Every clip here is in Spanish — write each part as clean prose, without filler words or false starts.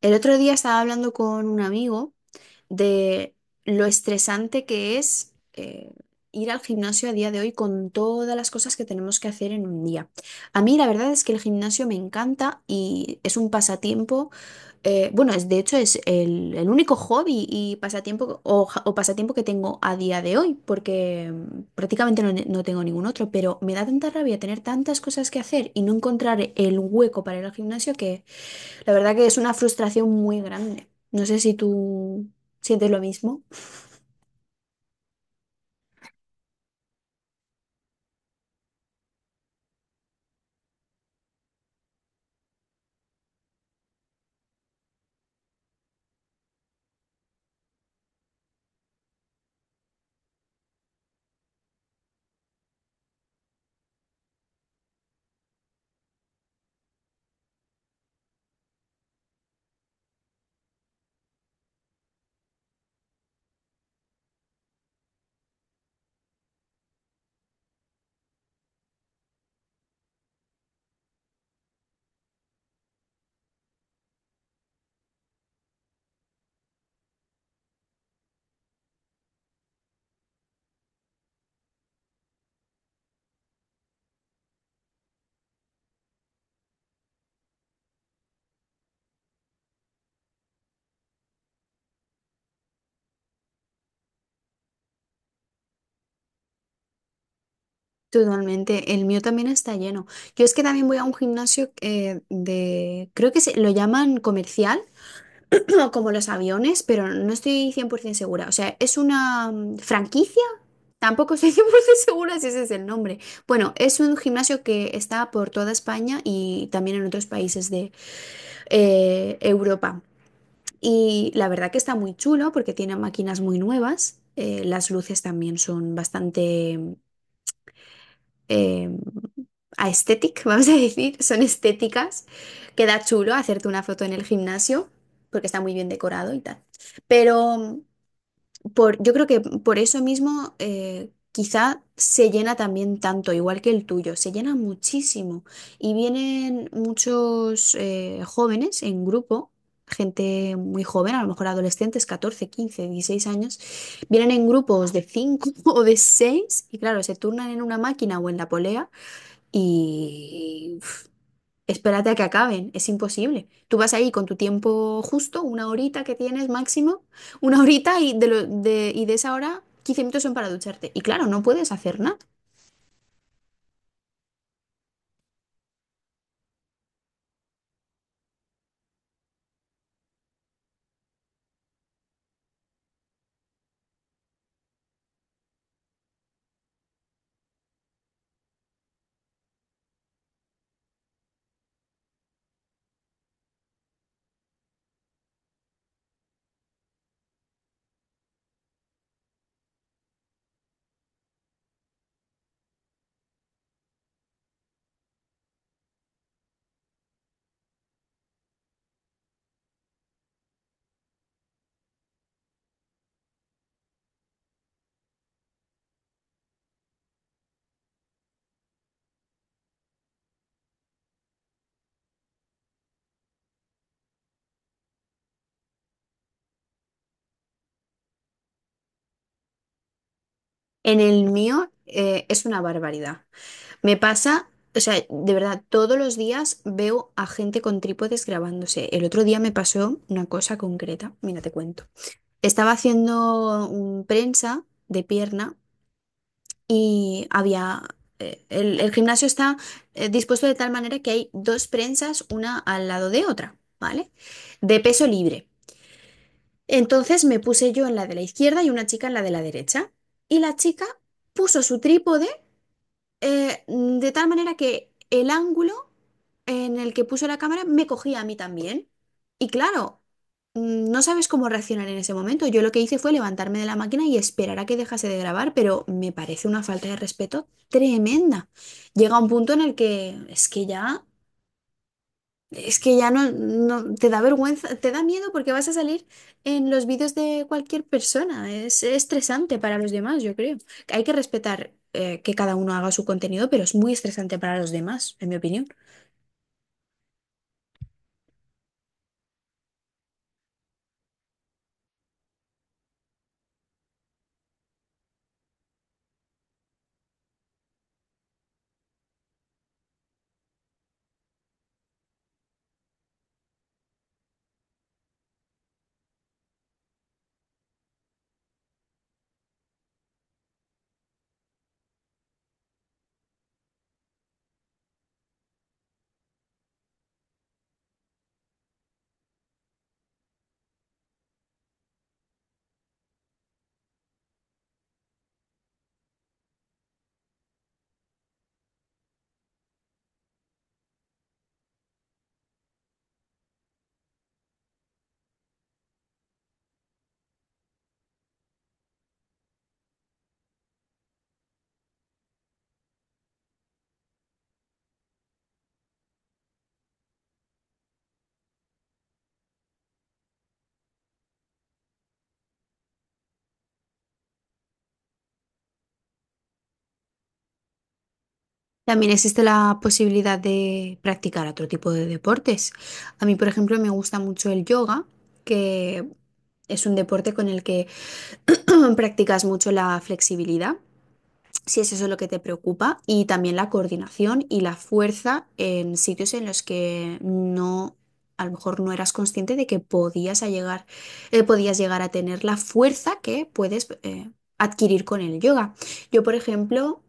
El otro día estaba hablando con un amigo de lo estresante que es ir al gimnasio a día de hoy con todas las cosas que tenemos que hacer en un día. A mí la verdad es que el gimnasio me encanta y es un pasatiempo, bueno, es, de hecho es el único hobby y pasatiempo o, o pasatiempo que tengo a día de hoy, porque prácticamente no tengo ningún otro, pero me da tanta rabia tener tantas cosas que hacer y no encontrar el hueco para ir al gimnasio que la verdad que es una frustración muy grande. No sé si tú sientes lo mismo. Totalmente. El mío también está lleno. Yo es que también voy a un gimnasio de, creo que se, lo llaman comercial, como los aviones, pero no estoy 100% segura. O sea, es una franquicia. Tampoco estoy 100% segura si ese es el nombre. Bueno, es un gimnasio que está por toda España y también en otros países de Europa. Y la verdad que está muy chulo porque tiene máquinas muy nuevas. Las luces también son bastante eh, aesthetic, vamos a decir, son estéticas. Queda chulo hacerte una foto en el gimnasio porque está muy bien decorado y tal. Pero por, yo creo que por eso mismo quizá se llena también tanto, igual que el tuyo, se llena muchísimo. Y vienen muchos jóvenes en grupo, gente muy joven, a lo mejor adolescentes, 14 15 16 años, vienen en grupos de 5 o de 6 y claro, se turnan en una máquina o en la polea y... uf, espérate a que acaben, es imposible. Tú vas ahí con tu tiempo justo, una horita que tienes máximo, una horita y de, y de esa hora 15 minutos son para ducharte. Y claro, no puedes hacer nada. En el mío es una barbaridad. Me pasa, o sea, de verdad, todos los días veo a gente con trípodes grabándose. El otro día me pasó una cosa concreta, mira, te cuento. Estaba haciendo un prensa de pierna y había, el gimnasio está dispuesto de tal manera que hay dos prensas, una al lado de otra, ¿vale? De peso libre. Entonces me puse yo en la de la izquierda y una chica en la de la derecha. Y la chica puso su trípode de tal manera que el ángulo en el que puso la cámara me cogía a mí también. Y claro, no sabes cómo reaccionar en ese momento. Yo lo que hice fue levantarme de la máquina y esperar a que dejase de grabar, pero me parece una falta de respeto tremenda. Llega un punto en el que es que ya... Es que ya no, te da vergüenza, te da miedo porque vas a salir en los vídeos de cualquier persona. Es estresante para los demás, yo creo. Hay que respetar que cada uno haga su contenido, pero es muy estresante para los demás, en mi opinión. También existe la posibilidad de practicar otro tipo de deportes. A mí, por ejemplo, me gusta mucho el yoga, que es un deporte con el que practicas mucho la flexibilidad. Si es eso lo que te preocupa, y también la coordinación y la fuerza en sitios en los que no, a lo mejor no eras consciente de que podías a llegar, podías llegar a tener la fuerza que puedes adquirir con el yoga. Yo, por ejemplo,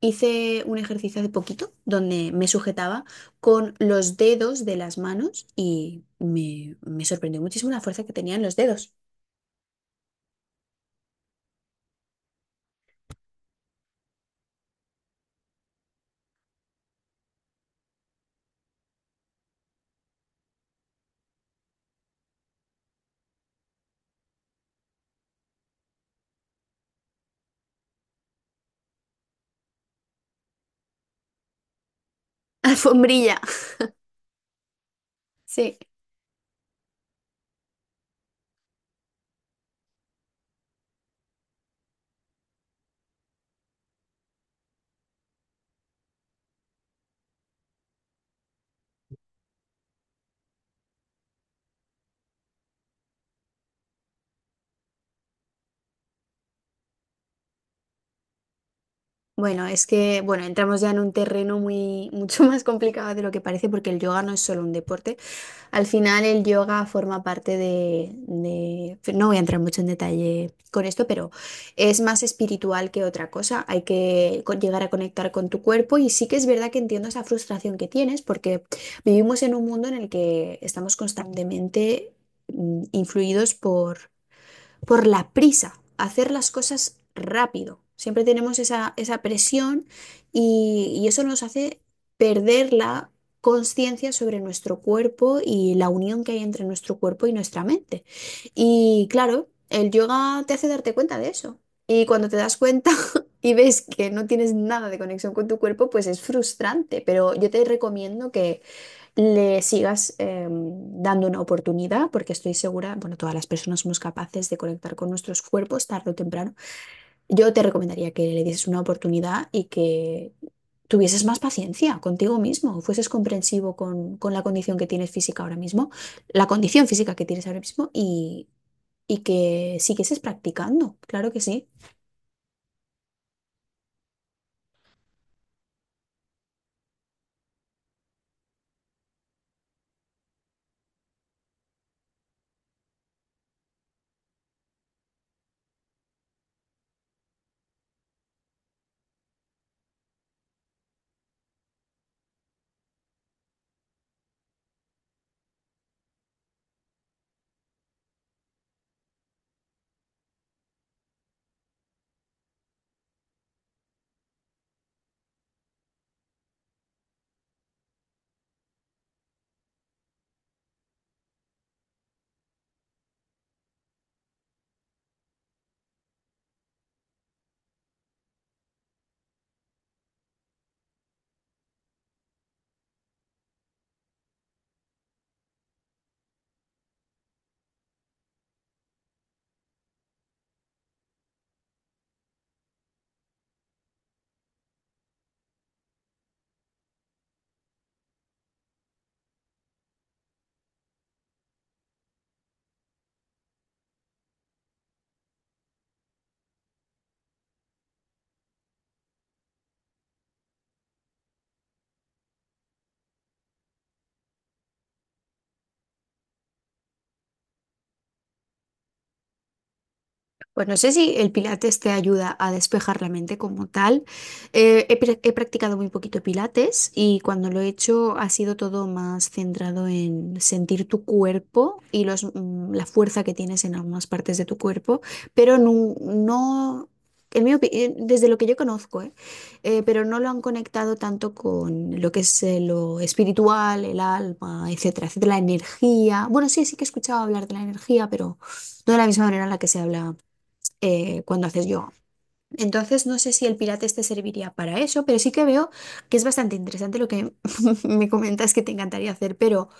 hice un ejercicio hace poquito donde me sujetaba con los dedos de las manos y me sorprendió muchísimo la fuerza que tenían los dedos. Alfombrilla. Sí. Bueno, es que, bueno, entramos ya en un terreno muy, mucho más complicado de lo que parece porque el yoga no es solo un deporte. Al final el yoga forma parte de, no voy a entrar mucho en detalle con esto, pero es más espiritual que otra cosa. Hay que llegar a conectar con tu cuerpo y sí que es verdad que entiendo esa frustración que tienes porque vivimos en un mundo en el que estamos constantemente influidos por la prisa, hacer las cosas rápido. Siempre tenemos esa presión y eso nos hace perder la conciencia sobre nuestro cuerpo y la unión que hay entre nuestro cuerpo y nuestra mente. Y claro, el yoga te hace darte cuenta de eso. Y cuando te das cuenta y ves que no tienes nada de conexión con tu cuerpo, pues es frustrante. Pero yo te recomiendo que le sigas dando una oportunidad, porque estoy segura, bueno, todas las personas somos capaces de conectar con nuestros cuerpos tarde o temprano. Yo te recomendaría que le dieses una oportunidad y que tuvieses más paciencia contigo mismo, fueses comprensivo con la condición que tienes física ahora mismo, la condición física que tienes ahora mismo y que siguieses practicando, claro que sí. Pues no sé si el pilates te ayuda a despejar la mente como tal. He practicado muy poquito pilates y cuando lo he hecho ha sido todo más centrado en sentir tu cuerpo y los, la fuerza que tienes en algunas partes de tu cuerpo, pero no, no desde lo que yo conozco, ¿eh? Pero no lo han conectado tanto con lo que es lo espiritual, el alma, etcétera, etcétera, la energía. Bueno, sí, sí que he escuchado hablar de la energía, pero... No de la misma manera en la que se habla cuando haces yoga. Entonces, no sé si el Pilates te serviría para eso, pero sí que veo que es bastante interesante lo que me comentas que te encantaría hacer, pero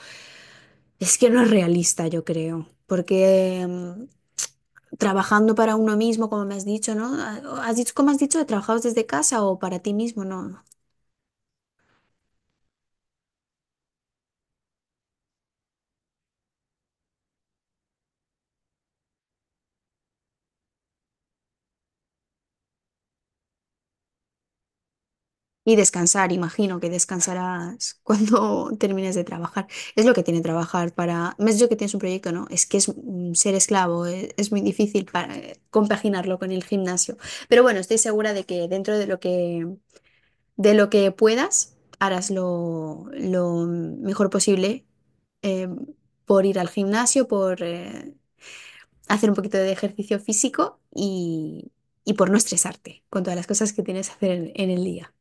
es que no es realista, yo creo, porque trabajando para uno mismo, como me has dicho, ¿no? Ah, ¿has dicho, cómo has dicho, trabajabas desde casa o para ti mismo? No, y descansar, imagino que descansarás cuando termines de trabajar. Es lo que tiene trabajar para... Me has dicho que tienes un proyecto, ¿no? Es que es ser esclavo, es, muy difícil para compaginarlo con el gimnasio. Pero bueno, estoy segura de que dentro de lo que puedas, harás lo mejor posible eh, por ir al gimnasio, por hacer un poquito de ejercicio físico y por no estresarte con todas las cosas que tienes que hacer en el día.